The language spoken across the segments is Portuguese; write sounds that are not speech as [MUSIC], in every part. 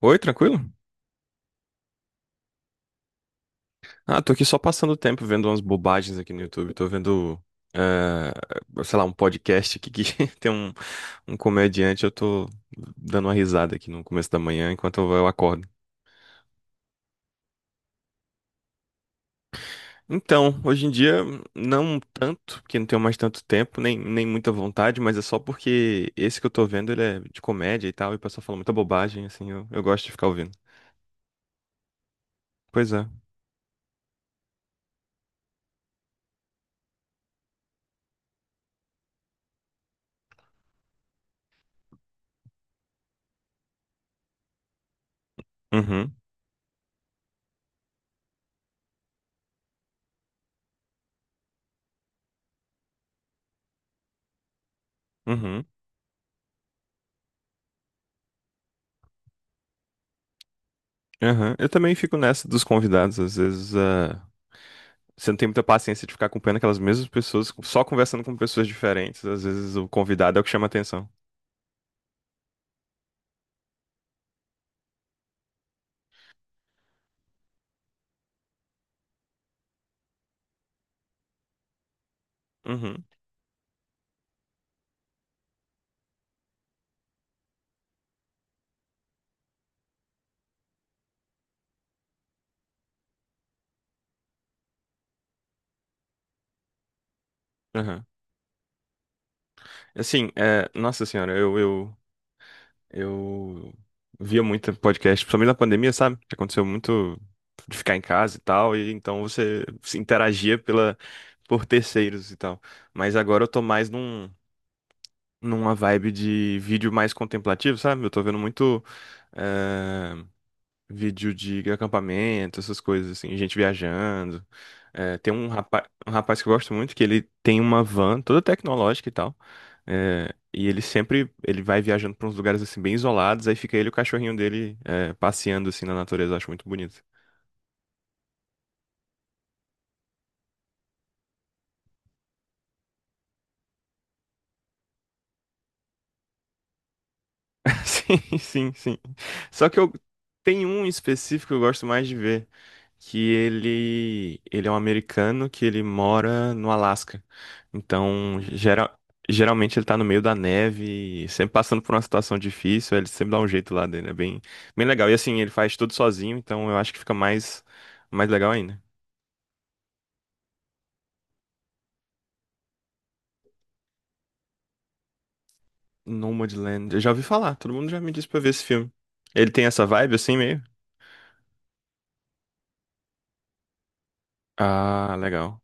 Oi, tranquilo? Ah, tô aqui só passando o tempo vendo umas bobagens aqui no YouTube. Tô vendo, eh, sei lá, um podcast aqui que [LAUGHS] tem um comediante. Eu tô dando uma risada aqui no começo da manhã enquanto eu acordo. Então, hoje em dia, não tanto, porque não tenho mais tanto tempo, nem muita vontade, mas é só porque esse que eu tô vendo, ele é de comédia e tal, e o pessoal fala muita bobagem, assim, eu gosto de ficar ouvindo. Pois é. Uhum, uhum, aham. Eu também fico nessa dos convidados, às vezes. Você não tem muita paciência de ficar acompanhando aquelas mesmas pessoas, só conversando com pessoas diferentes. Às vezes o convidado é o que chama atenção. Uhum, uhum. Assim, é, nossa senhora, eu via muito podcast, principalmente na pandemia, sabe? Que aconteceu muito de ficar em casa e tal, e então você se interagia pela, por terceiros e tal. Mas agora eu tô mais numa vibe de vídeo mais contemplativo, sabe? Eu tô vendo muito. eh, Vídeo de acampamento, essas coisas assim, gente viajando. É, tem um rapaz que eu gosto muito, que ele tem uma van toda tecnológica e tal. É, e ele sempre, ele vai viajando pra uns lugares assim bem isolados, aí fica ele e o cachorrinho dele é, passeando assim na natureza, eu acho muito bonito. [LAUGHS] Sim, sim, sim. Só que eu tem um em específico que eu gosto mais de ver, que ele é um americano que ele mora no Alasca. Então, geralmente ele tá no meio da neve, sempre passando por uma situação difícil, ele sempre dá um jeito lá dele, é bem legal. E assim, ele faz tudo sozinho, então eu acho que fica mais legal ainda. Nomadland, eu já ouvi falar, todo mundo já me disse pra ver esse filme. Ele tem essa vibe assim meio? Ah, legal.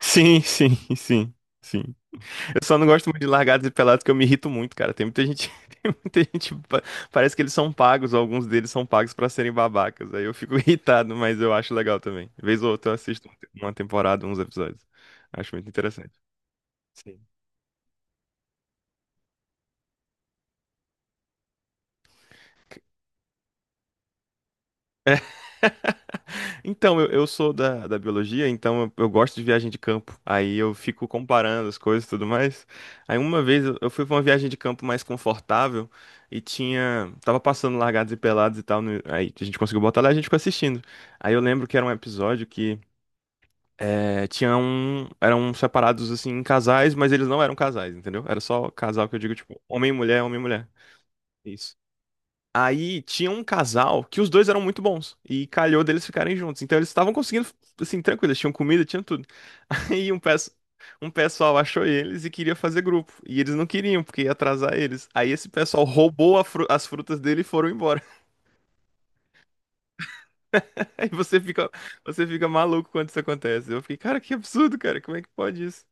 Sim, sim, [LAUGHS] sim. Sim. Eu só não gosto muito de largados e pelados, que eu me irrito muito, cara. Tem muita gente, [LAUGHS] tem muita gente, parece que eles são pagos, ou alguns deles são pagos pra serem babacas. Aí eu fico [LAUGHS] irritado, mas eu acho legal também. Vez ou outra eu assisto uma temporada, uns episódios. Acho muito interessante. Sim. Então, eu sou da, da biologia, então eu gosto de viagem de campo. Aí eu fico comparando as coisas e tudo mais. Aí uma vez eu fui pra uma viagem de campo mais confortável e tinha. Tava passando largados e pelados e tal. Aí a gente conseguiu botar lá e a gente ficou assistindo. Aí eu lembro que era um episódio que é, tinha um. Eram separados assim em casais, mas eles não eram casais, entendeu? Era só casal que eu digo, tipo, homem e mulher, homem e mulher. Isso. Aí tinha um casal que os dois eram muito bons e calhou deles ficarem juntos. Então eles estavam conseguindo, assim, tranquilo, eles tinham comida, tinham tudo. [LAUGHS] E um, um pessoal achou eles e queria fazer grupo. E eles não queriam, porque ia atrasar eles. Aí esse pessoal roubou a as frutas dele e foram embora. [LAUGHS] Aí você fica maluco quando isso acontece. Eu fiquei, cara, que absurdo, cara, como é que pode isso?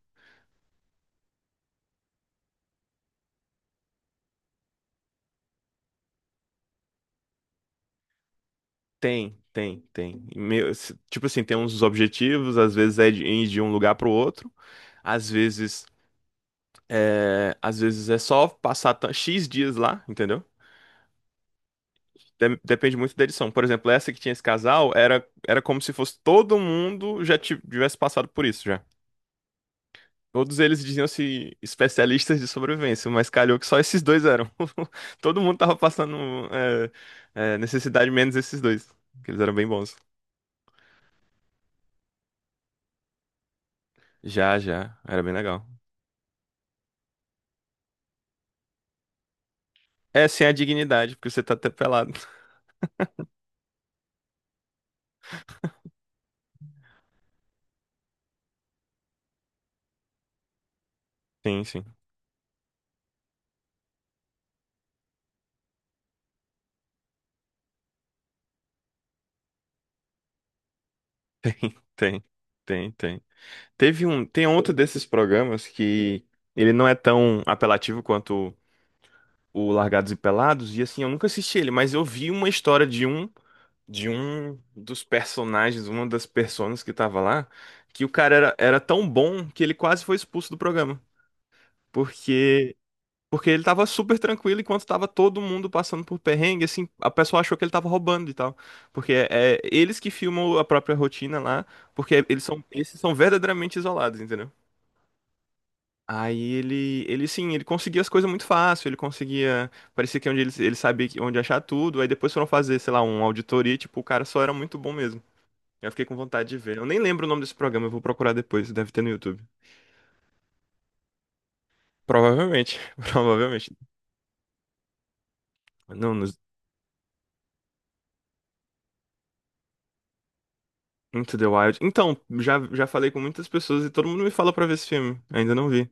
Tem, tem, tem. Meu, tipo assim, tem uns objetivos, às vezes é de ir de um lugar pro outro, às vezes. É, às vezes é só passar X dias lá, entendeu? Depende muito da edição. Por exemplo, essa que tinha esse casal era, era como se fosse todo mundo já tivesse passado por isso já. Todos eles diziam-se especialistas de sobrevivência, mas calhou que só esses dois eram. [LAUGHS] Todo mundo tava passando necessidade menos esses dois, que eles eram bem bons. Já, já, era bem legal. É, sem a dignidade, porque você tá até pelado. [LAUGHS] Sim, sim, tem, tem, tem. Teve um, tem outro desses programas que ele não é tão apelativo quanto o Largados e Pelados, e assim, eu nunca assisti ele, mas eu vi uma história de um dos personagens, uma das personas que tava lá, que o cara era, era tão bom que ele quase foi expulso do programa, porque porque ele tava super tranquilo enquanto tava todo mundo passando por perrengue, assim, a pessoa achou que ele tava roubando e tal, porque é, é eles que filmam a própria rotina lá, porque eles são esses são verdadeiramente isolados, entendeu? Aí ele sim, ele conseguia as coisas muito fácil, ele conseguia, parecia que onde ele sabia onde achar tudo, aí depois foram fazer, sei lá, uma auditoria, tipo, o cara só era muito bom mesmo. Eu fiquei com vontade de ver. Eu nem lembro o nome desse programa, eu vou procurar depois, deve ter no YouTube. Provavelmente, [LAUGHS] provavelmente. Não, nos Into the Wild. Então, já, já falei com muitas pessoas e todo mundo me fala pra ver esse filme, ainda não vi.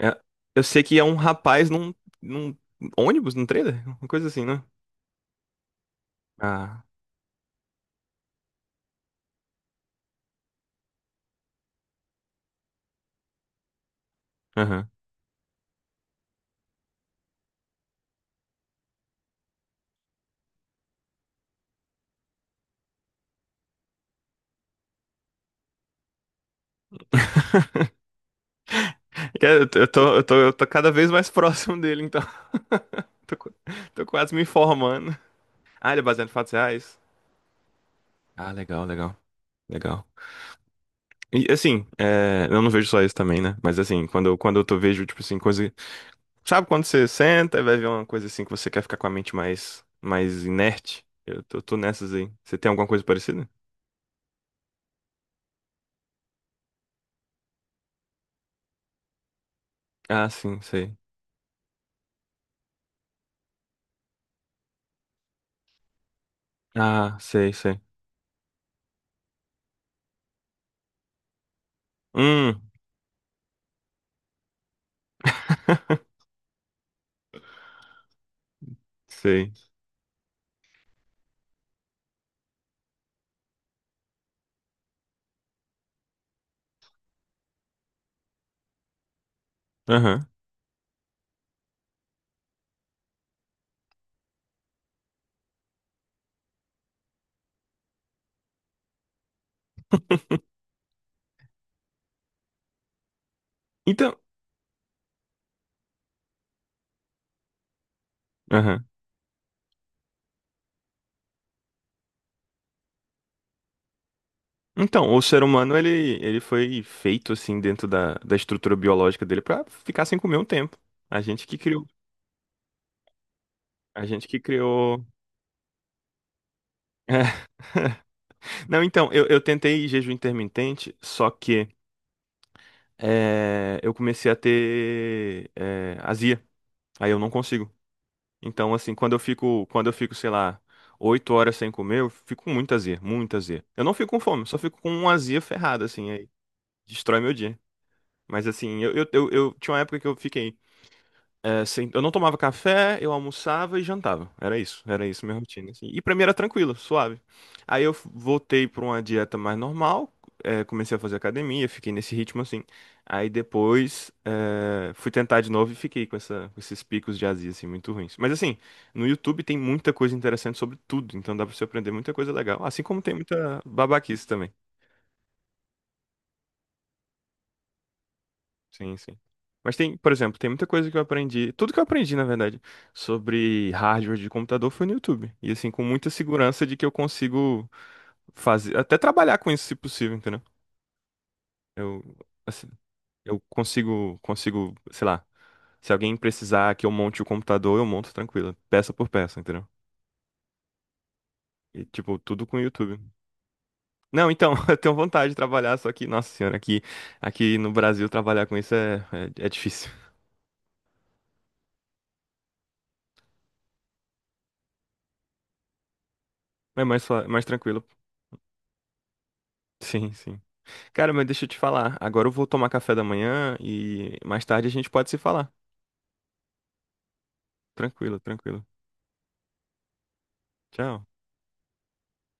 É, eu sei que é um rapaz num ônibus, num trailer, uma coisa assim, né? Ah, aham. [LAUGHS] Eu tô cada vez mais [LAUGHS] próximo dele, então. Tô, qu- Tô quase me informando. Ah, ele é baseado em fatos reais? Ah, legal, legal, legal. E assim, é, eu não vejo só isso também, né? Mas assim, quando eu tô, vejo, tipo assim, coisa. Sabe quando você senta e vai ver uma coisa assim que você quer ficar com a mente mais inerte? Tô nessas aí. Você tem alguma coisa parecida? Ah, sim, sei. Ah, sei, sei. Hum, [LAUGHS] sei. Aham. Então. Aham. Então, o ser humano, ele foi feito, assim, dentro da, da estrutura biológica dele pra ficar sem comer um tempo. A gente que criou. A gente que criou. É. [LAUGHS] Não, então, eu tentei jejum intermitente, só que é, eu comecei a ter é, azia. Aí eu não consigo. Então, assim, quando eu fico, sei lá, 8 horas sem comer, eu fico com muita azia, muita azia. Eu não fico com fome, só fico com uma azia ferrada, assim, aí destrói meu dia. Mas assim, eu tinha uma época que eu fiquei. É, eu não tomava café, eu almoçava e jantava. Era isso minha rotina, assim. E pra mim era tranquilo, suave. Aí eu voltei pra uma dieta mais normal, é, comecei a fazer academia, fiquei nesse ritmo assim. Aí depois é, fui tentar de novo e fiquei com com esses picos de azia assim muito ruins. Mas assim, no YouTube tem muita coisa interessante sobre tudo, então dá pra você aprender muita coisa legal, assim como tem muita babaquice também. Sim, sim. Mas tem, por exemplo, tem muita coisa que eu aprendi, tudo que eu aprendi, na verdade, sobre hardware de computador foi no YouTube. E assim, com muita segurança de que eu consigo fazer, até trabalhar com isso se possível, entendeu? Eu, assim, eu consigo, consigo, sei lá, se alguém precisar que eu monte o computador, eu monto tranquilo, peça por peça, entendeu? E tipo, tudo com o YouTube. Não, então, [LAUGHS] eu tenho vontade de trabalhar, só que, nossa senhora, aqui no Brasil trabalhar com isso é difícil. É mais, mais tranquilo. Sim, sim. Cara, mas deixa eu te falar. Agora eu vou tomar café da manhã e mais tarde a gente pode se falar. Tranquilo, tranquilo. Tchau.